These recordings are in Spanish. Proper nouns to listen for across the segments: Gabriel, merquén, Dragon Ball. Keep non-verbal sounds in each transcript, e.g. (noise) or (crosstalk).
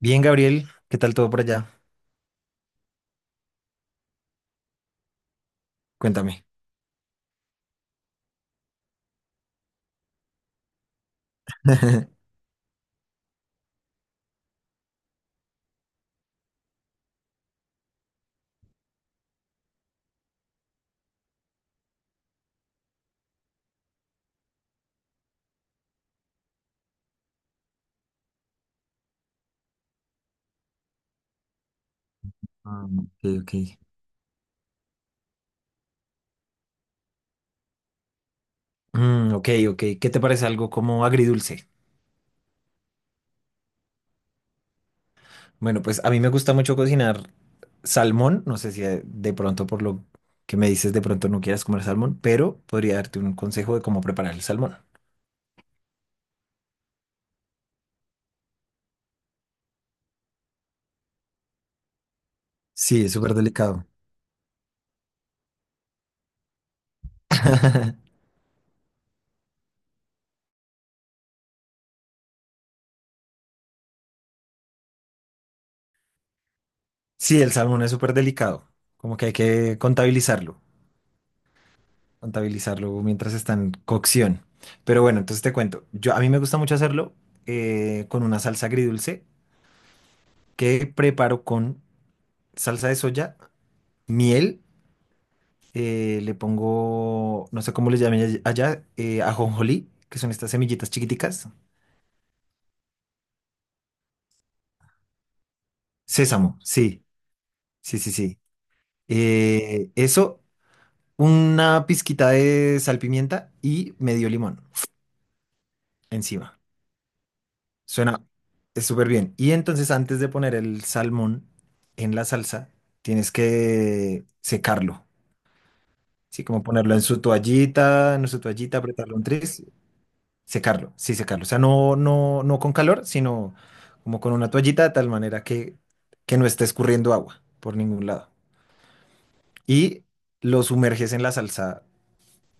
Bien, Gabriel, ¿qué tal todo por allá? Cuéntame. (laughs) Ah, ok, ok. Mm, ok, ok. ¿Qué te parece algo como agridulce? Bueno, pues a mí me gusta mucho cocinar salmón. No sé si de pronto por lo que me dices de pronto no quieras comer salmón, pero podría darte un consejo de cómo preparar el salmón. Sí, es súper delicado. (laughs) Sí, el salmón es súper delicado, como que hay que contabilizarlo. Contabilizarlo mientras está en cocción. Pero bueno, entonces te cuento. Yo, a mí me gusta mucho hacerlo con una salsa agridulce que preparo con salsa de soya, miel, le pongo, no sé cómo les llamen allá, ajonjolí, que son estas semillitas chiquiticas. Sésamo, sí, sí, sí, sí. Eso, una pizquita de sal pimienta y medio limón encima. Suena es súper bien. Y entonces antes de poner el salmón en la salsa, tienes que secarlo. Sí, como ponerlo en su toallita, apretarlo un tris, secarlo, sí, secarlo. O sea, no con calor, sino como con una toallita de tal manera que no esté escurriendo agua por ningún lado. Y lo sumerges en la salsa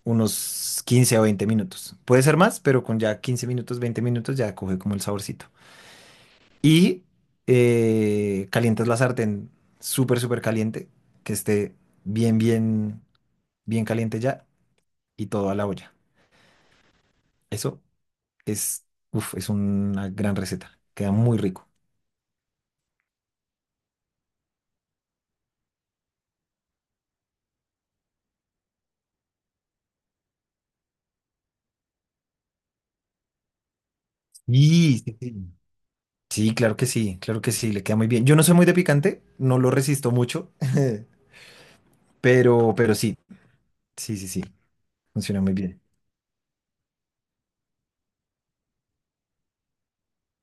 unos 15 o 20 minutos. Puede ser más, pero con ya 15 minutos, 20 minutos ya coge como el saborcito. Y calientas la sartén súper, súper caliente, que esté bien, bien, bien caliente ya y todo a la olla. Eso es, uf, es una gran receta. Queda muy rico. Sí, sí, sí. Sí, claro que sí, claro que sí, le queda muy bien. Yo no soy muy de picante, no lo resisto mucho, (laughs) pero sí, sí, sí, sí, funciona muy bien.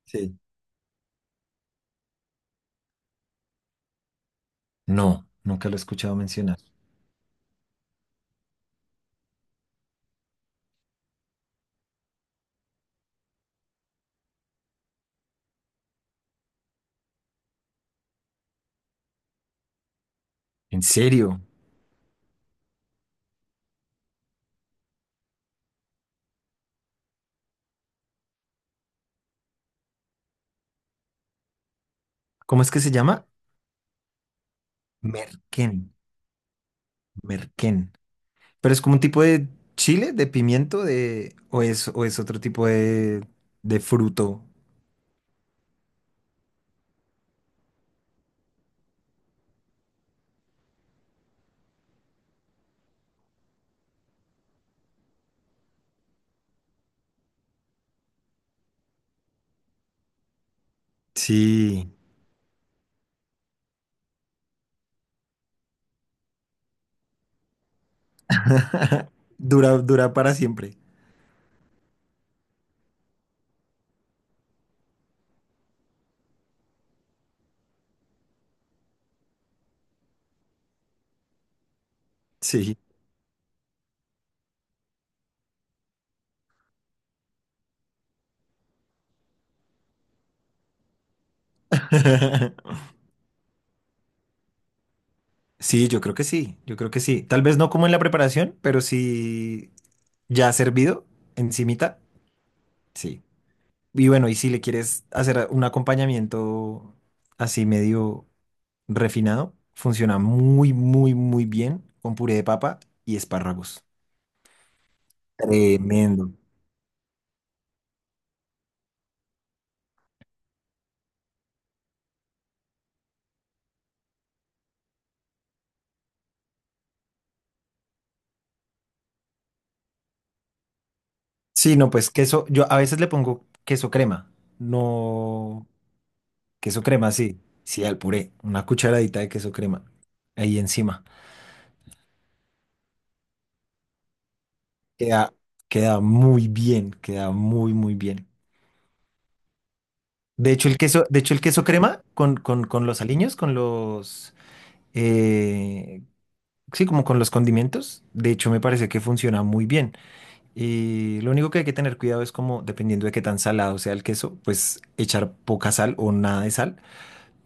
Sí. No, nunca lo he escuchado mencionar. ¿En serio? ¿Cómo es que se llama? Merquén, merquén. Pero es como un tipo de chile, de pimiento, de... o es otro tipo de fruto. Sí. (laughs) Dura, dura para siempre. Sí. (laughs) Sí, yo creo que sí, yo creo que sí. Tal vez no como en la preparación, pero sí ya servido encimita. Sí. Y bueno, y si le quieres hacer un acompañamiento así medio refinado, funciona muy, muy, muy bien con puré de papa y espárragos. Tremendo. Sí, no, pues queso, yo a veces le pongo queso crema, no, queso crema, sí, sí, al puré, una cucharadita de queso crema ahí encima. Queda, queda muy bien, queda muy, muy bien. De hecho, el queso, de hecho, el queso crema con los aliños, eh, sí, como con los condimentos, de hecho, me parece que funciona muy bien. Y lo único que hay que tener cuidado es como, dependiendo de qué tan salado sea el queso, pues echar poca sal o nada de sal,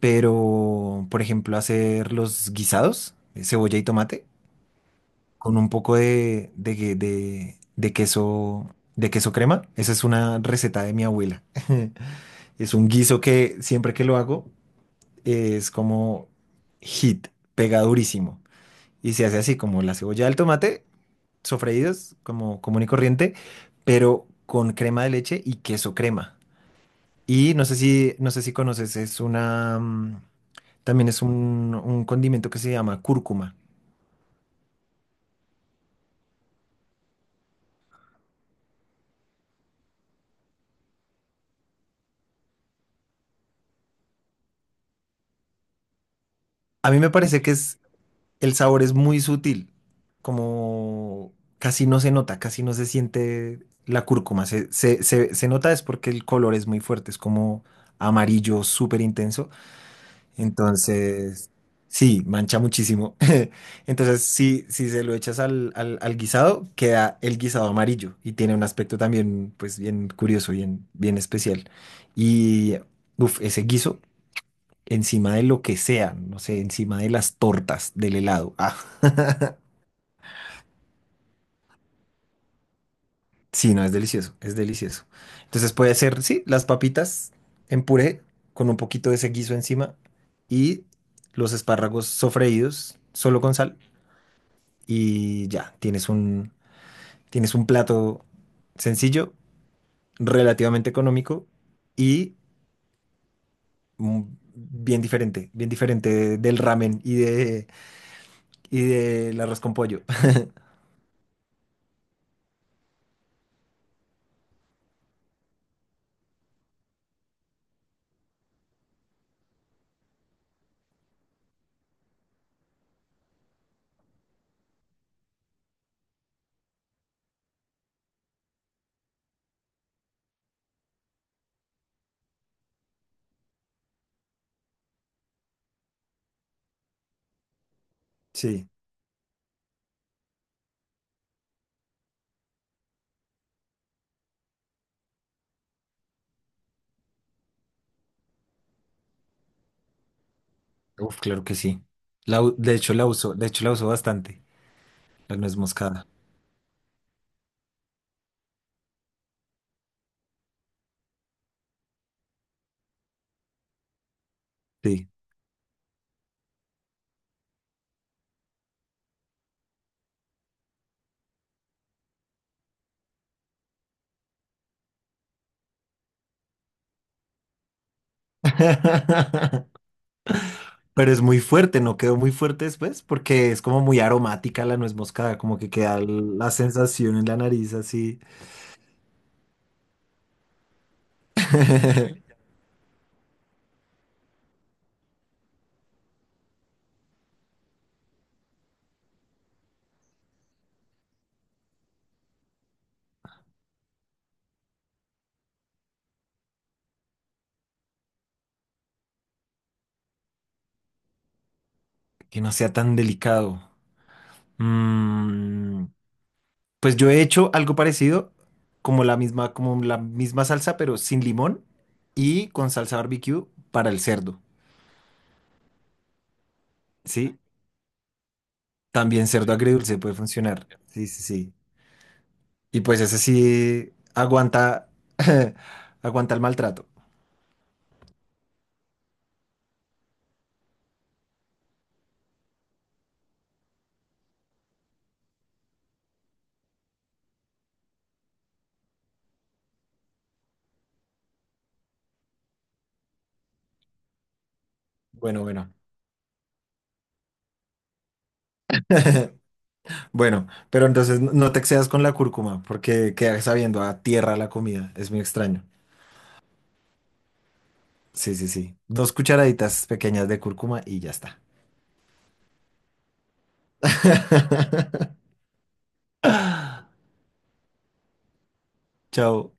pero por ejemplo hacer los guisados, cebolla y tomate, con un poco de queso crema. Esa es una receta de mi abuela. (laughs) Es un guiso que siempre que lo hago es como hit, pega durísimo. Y se hace así como la cebolla del tomate, sofreídos como común y corriente, pero con crema de leche y queso crema. Y no sé si, no sé si conoces, es una, también es un condimento que se llama cúrcuma. A mí me parece que es, el sabor es muy sutil, como casi no se nota, casi no se siente la cúrcuma. Se nota es porque el color es muy fuerte, es como amarillo súper intenso. Entonces, sí, mancha muchísimo. (laughs) Entonces, si se lo echas al guisado, queda el guisado amarillo y tiene un aspecto también, pues, bien curioso, bien, bien especial. Y, uff, ese guiso encima de lo que sea, no sé, encima de las tortas, del helado. Ah, (laughs) sí, no, es delicioso, es delicioso. Entonces puede ser, sí, las papitas en puré con un poquito de ese guiso encima y los espárragos sofreídos solo con sal y ya, tienes un Tienes un plato sencillo, relativamente económico y mm, bien diferente del ramen y del arroz con pollo. (laughs) Sí, uf, claro que sí. De hecho la uso, de hecho la uso bastante, la nuez moscada. Sí. (laughs) Pero es muy fuerte, ¿no? Quedó muy fuerte después porque es como muy aromática la nuez moscada, como que queda la sensación en la nariz así. (laughs) Que no sea tan delicado. Mm, pues yo he hecho algo parecido, como la misma salsa, pero sin limón y con salsa barbecue para el cerdo, ¿sí? También cerdo agridulce puede funcionar, sí, sí, sí. Y pues ese sí aguanta, (laughs) aguanta el maltrato. Bueno, bueno. (laughs) Bueno, pero entonces no te excedas con la cúrcuma, porque queda sabiendo a tierra la comida, es muy extraño. Sí, sí, sí. 2 cucharaditas pequeñas de cúrcuma y ya está. (laughs) Chao.